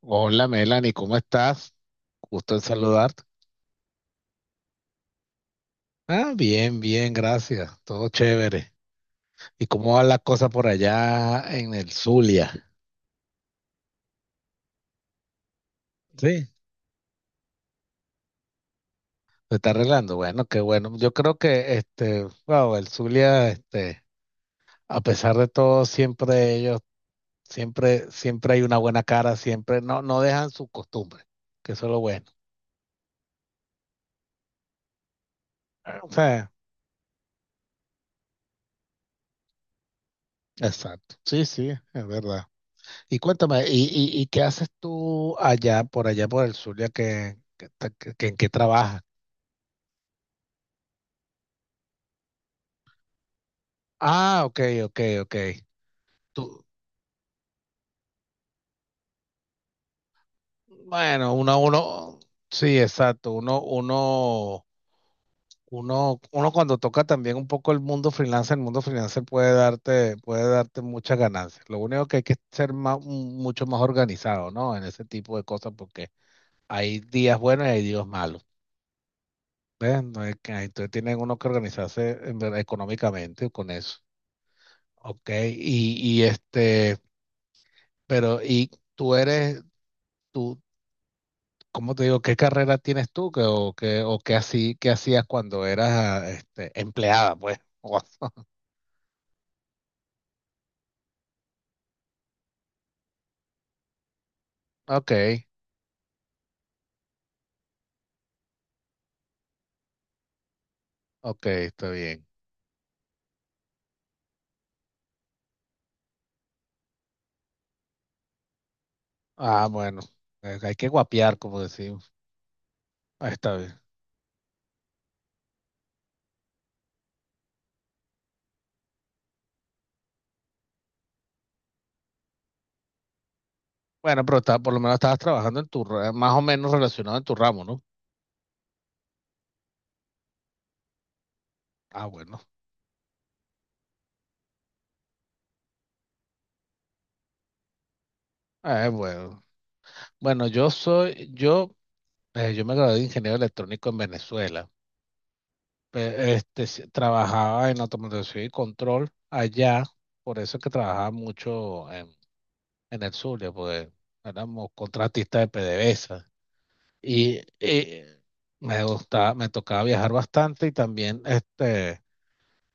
Hola Melanie, ¿cómo estás? Gusto en saludarte. Ah, bien, bien, gracias. Todo chévere. ¿Y cómo va la cosa por allá en el Zulia? Sí. ¿Se está arreglando? Bueno, qué bueno. Yo creo que wow, el Zulia, a pesar de todo, siempre ellos, siempre hay una buena cara, siempre no, no dejan su costumbre, que eso es lo bueno. Ah, o sea, exacto. Sí, sí, es verdad. Y cuéntame, qué haces tú allá, por allá, por el sur, ya en qué trabajas? Ah, ok, ok, ok. Tú, bueno, sí, exacto. Uno cuando toca también un poco el mundo freelance puede darte muchas ganancias. Lo único que hay que ser mucho más organizado, ¿no? En ese tipo de cosas, porque hay días buenos y hay días malos. ¿Ves? No hay que- entonces tienen uno que organizarse en verdad, económicamente con eso. Ok, pero tú eres, tú, ¿cómo te digo? ¿Qué carrera tienes tú? Que o qué así, qué hacías cuando eras empleada, pues? O- Ok, ok, está bien. Ah, bueno, hay que guapear, como decimos. Ah, está bien. Bueno, pero por lo menos estabas trabajando más o menos relacionado en tu ramo, ¿no? Ah, bueno. Bueno. Bueno, yo me gradué de ingeniero electrónico en Venezuela. Trabajaba en automatización y control allá, por eso es que trabajaba mucho en el Zulia, porque éramos contratistas de PDVSA. Y me tocaba viajar bastante y también este,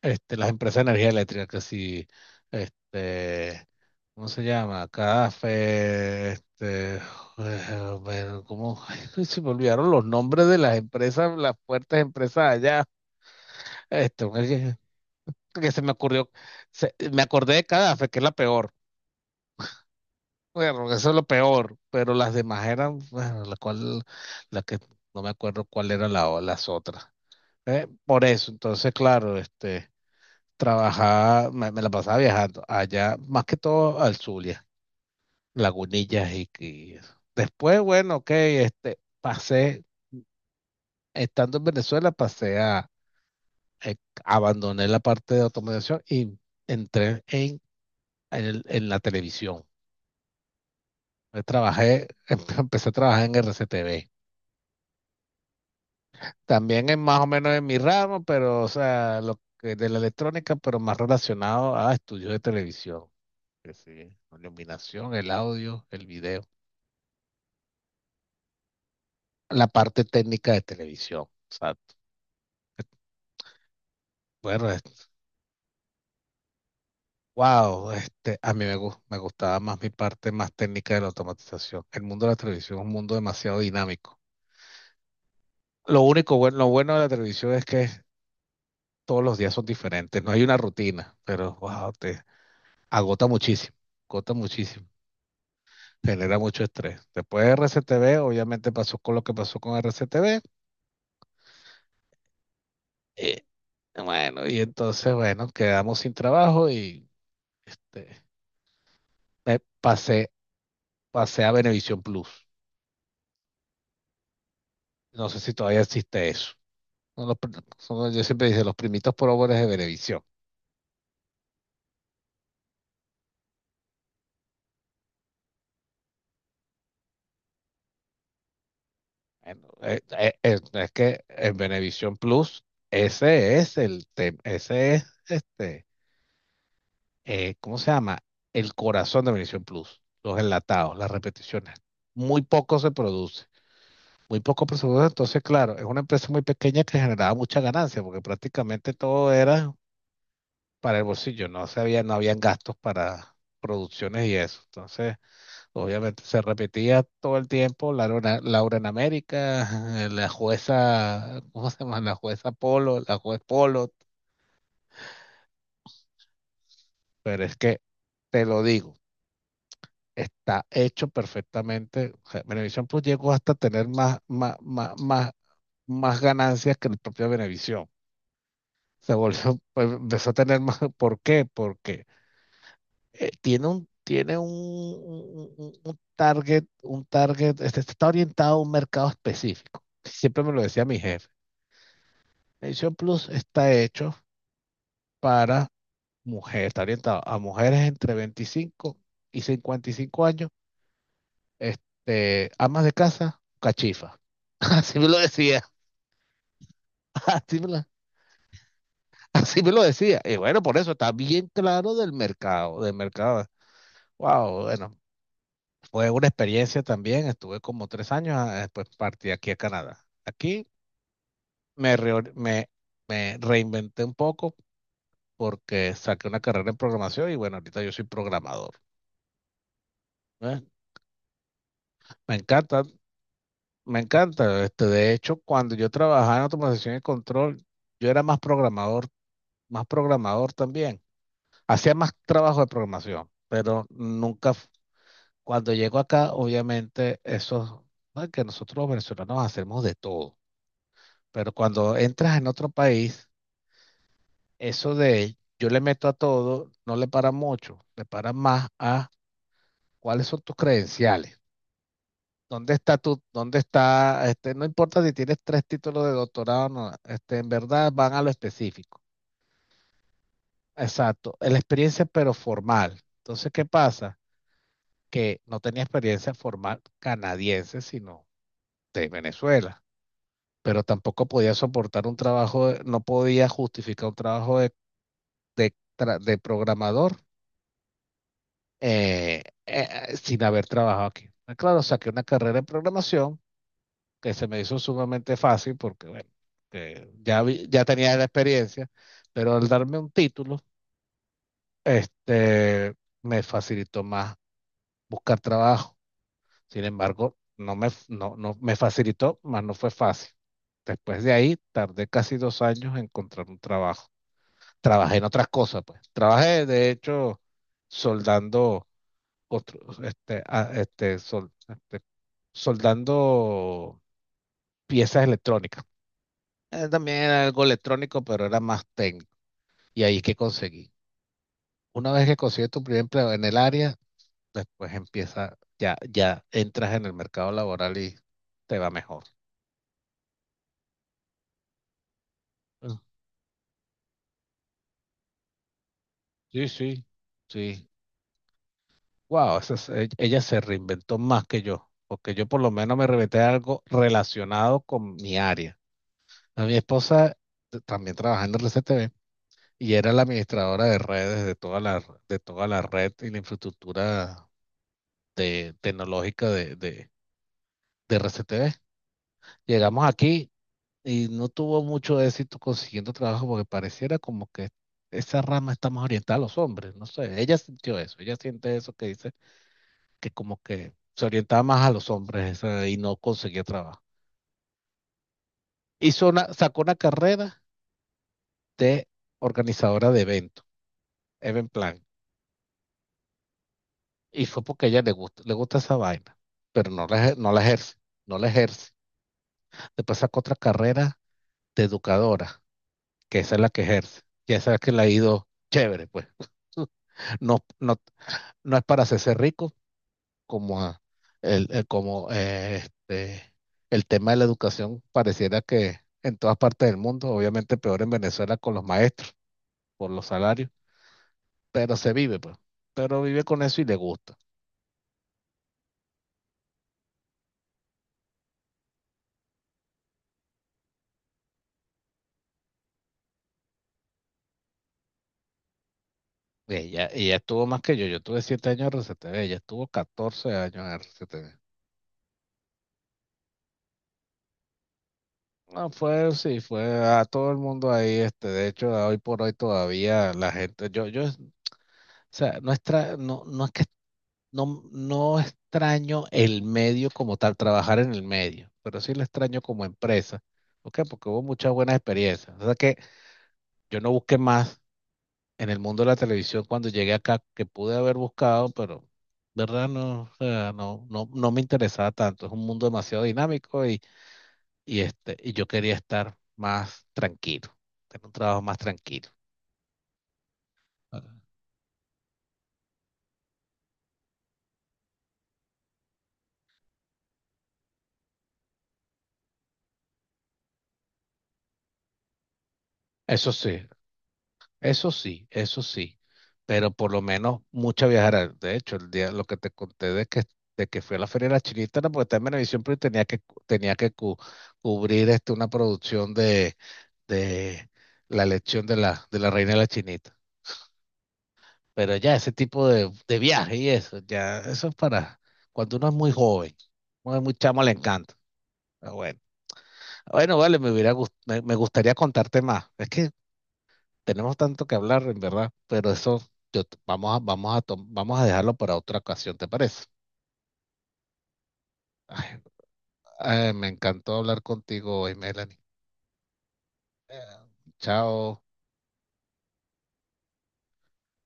este, las empresas de energía eléctrica, que si, este, ¿cómo se llama? Café bueno, ¿cómo? Se me olvidaron los nombres de las empresas, las fuertes empresas allá. Este, que se me ocurrió, se- me acordé de Cadáver, que es la peor. Bueno, eso es lo peor, pero las demás eran, bueno, la que no me acuerdo cuál era las otras. Por eso, entonces, claro, me la pasaba viajando allá, más que todo al Zulia, Lagunillas y eso. Después, bueno, ok, estando en Venezuela, eh, abandoné la parte de automatización y entré en la televisión. Yo trabajé, empecé a trabajar en RCTV. También es más o menos en mi ramo, pero, o sea, lo que de la electrónica, pero más relacionado a estudios de televisión. Que sí, la iluminación, el audio, el video, la parte técnica de televisión. Exacto. Bueno, es- wow, este, a mí me, gus- me gustaba más mi parte más técnica de la automatización. El mundo de la televisión es un mundo demasiado dinámico. Lo bueno de la televisión es que todos los días son diferentes, no hay una rutina, pero wow, agota muchísimo, agota muchísimo, genera mucho estrés. Después de RCTV, obviamente pasó con lo que pasó con RCTV. eh, bueno, y entonces, bueno, quedamos sin trabajo y este, me pasé, pasé a Venevisión Plus. No sé si todavía existe eso. Son los pr- son- Yo siempre dije los primitos pobres de Venevisión. Bueno, es que en Venevisión Plus, ese es el tema, ese es este ¿cómo se llama? El corazón de Venevisión Plus, los enlatados, las repeticiones. Muy poco se produce, muy poco se produce. Entonces, claro, es una empresa muy pequeña que generaba mucha ganancia porque prácticamente todo era para el bolsillo, no habían gastos para producciones y eso. Entonces, obviamente se repetía todo el tiempo Laura, Laura en América, la jueza, ¿cómo se llama? La juez Polo, pero es que te lo digo está hecho perfectamente. O sea, Venevisión Plus llegó hasta tener más, más ganancias que el propio Venevisión. Se volvió, pues, empezó a tener más. ¿Por qué? Porque tiene un target, está orientado a un mercado específico. Siempre me lo decía mi jefe. Venevisión Plus está hecho para mujeres, está orientado a mujeres entre 25 y 55 años amas de casa, cachifa. Así me lo decía, así me, la- así me lo decía. Y bueno, por eso está bien claro del mercado, del mercado. Wow, bueno, fue una experiencia también. Estuve como 3 años, ah, después partí aquí a Canadá. Aquí me, reor- me reinventé un poco porque saqué una carrera en programación y bueno, ahorita yo soy programador. ¿Eh? Me encanta, me encanta. De hecho, cuando yo trabajaba en automatización y control, yo era más programador también. Hacía más trabajo de programación, pero nunca, f- cuando llego acá, obviamente, eso, ¿no? que nosotros los venezolanos hacemos de todo, pero cuando entras en otro país, eso de yo le meto a todo, no le para mucho, le para más a cuáles son tus credenciales. ¿Dónde está dónde está, no importa si tienes tres títulos de doctorado, no, en verdad van a lo específico. Exacto, la experiencia pero formal. Entonces, ¿qué pasa? Que no tenía experiencia formal canadiense, sino de Venezuela, pero tampoco podía soportar no podía justificar un trabajo de programador sin haber trabajado aquí. Ah, claro, saqué una carrera en programación que se me hizo sumamente fácil porque, bueno, que ya, ya tenía la experiencia, pero al darme un título, este, me facilitó más buscar trabajo. Sin embargo, no me, no, no, me facilitó, mas no fue fácil. Después de ahí, tardé casi 2 años en encontrar un trabajo. Trabajé en otras cosas, pues. Trabajé, de hecho, soldando, otros, este, a- este, sol- este, soldando piezas electrónicas. También era algo electrónico, pero era más técnico. Y ahí que conseguí. Una vez que consigues tu primer empleo en el área, después ya, ya entras en el mercado laboral y te va mejor. Sí, sí, sí. Wow, ella se reinventó más que yo, porque yo por lo menos me reinventé algo relacionado con mi área. A mi esposa también trabajaba en el RCTV y era la administradora de redes de toda la red y la infraestructura tecnológica de RCTV. Llegamos aquí y no tuvo mucho éxito consiguiendo trabajo porque pareciera como que esa rama está más orientada a los hombres, no sé, ella sintió eso, ella siente eso que dice que como que se orientaba más a los hombres y no conseguía trabajo. Sacó una carrera de organizadora de eventos, event plan, y fue porque a ella le gusta esa vaina, pero no la ejerce, no la ejerce. Después sacó otra carrera de educadora, que esa es la que ejerce, y esa es la que le ha ido chévere, pues. No, no, no es para hacerse rico, como el, el- como eh, este, el tema de la educación pareciera que en todas partes del mundo, obviamente peor en Venezuela con los maestros, por los salarios, pero se vive, pues, pero vive con eso y le gusta. Ella estuvo más que yo tuve 7 años en RCTV, ella estuvo 14 años en RCTV. No, sí, fue a todo el mundo ahí, de hecho, hoy por hoy todavía la gente, o sea, no, no es que no, no extraño el medio como tal, trabajar en el medio, pero sí lo extraño como empresa. ¿Por qué? Porque hubo muchas buenas experiencias. O sea que yo no busqué más en el mundo de la televisión cuando llegué acá que pude haber buscado, pero de verdad no, o sea, no, no, no me interesaba tanto. Es un mundo demasiado dinámico y y yo quería estar más tranquilo, tener un trabajo más tranquilo. Ah. Eso sí, Eso sí, eso sí, pero por lo menos mucha viajera. De hecho, el día, lo que te conté de que fui a la Feria de la Chinita era porque estaba en Venevisión, pero cubrir una producción de la elección de la Reina de la Chinita. Pero ya ese tipo de viaje y eso, ya eso es para cuando uno es muy joven, uno es muy chamo, le encanta. Pero bueno, Ah, bueno, vale, me gustaría contarte más. Es que tenemos tanto que hablar, en verdad, pero eso yo t- vamos a, vamos a, tom- vamos a dejarlo para otra ocasión, ¿te parece? Ay, ay, me encantó hablar contigo hoy, Melanie. Eh, Chao.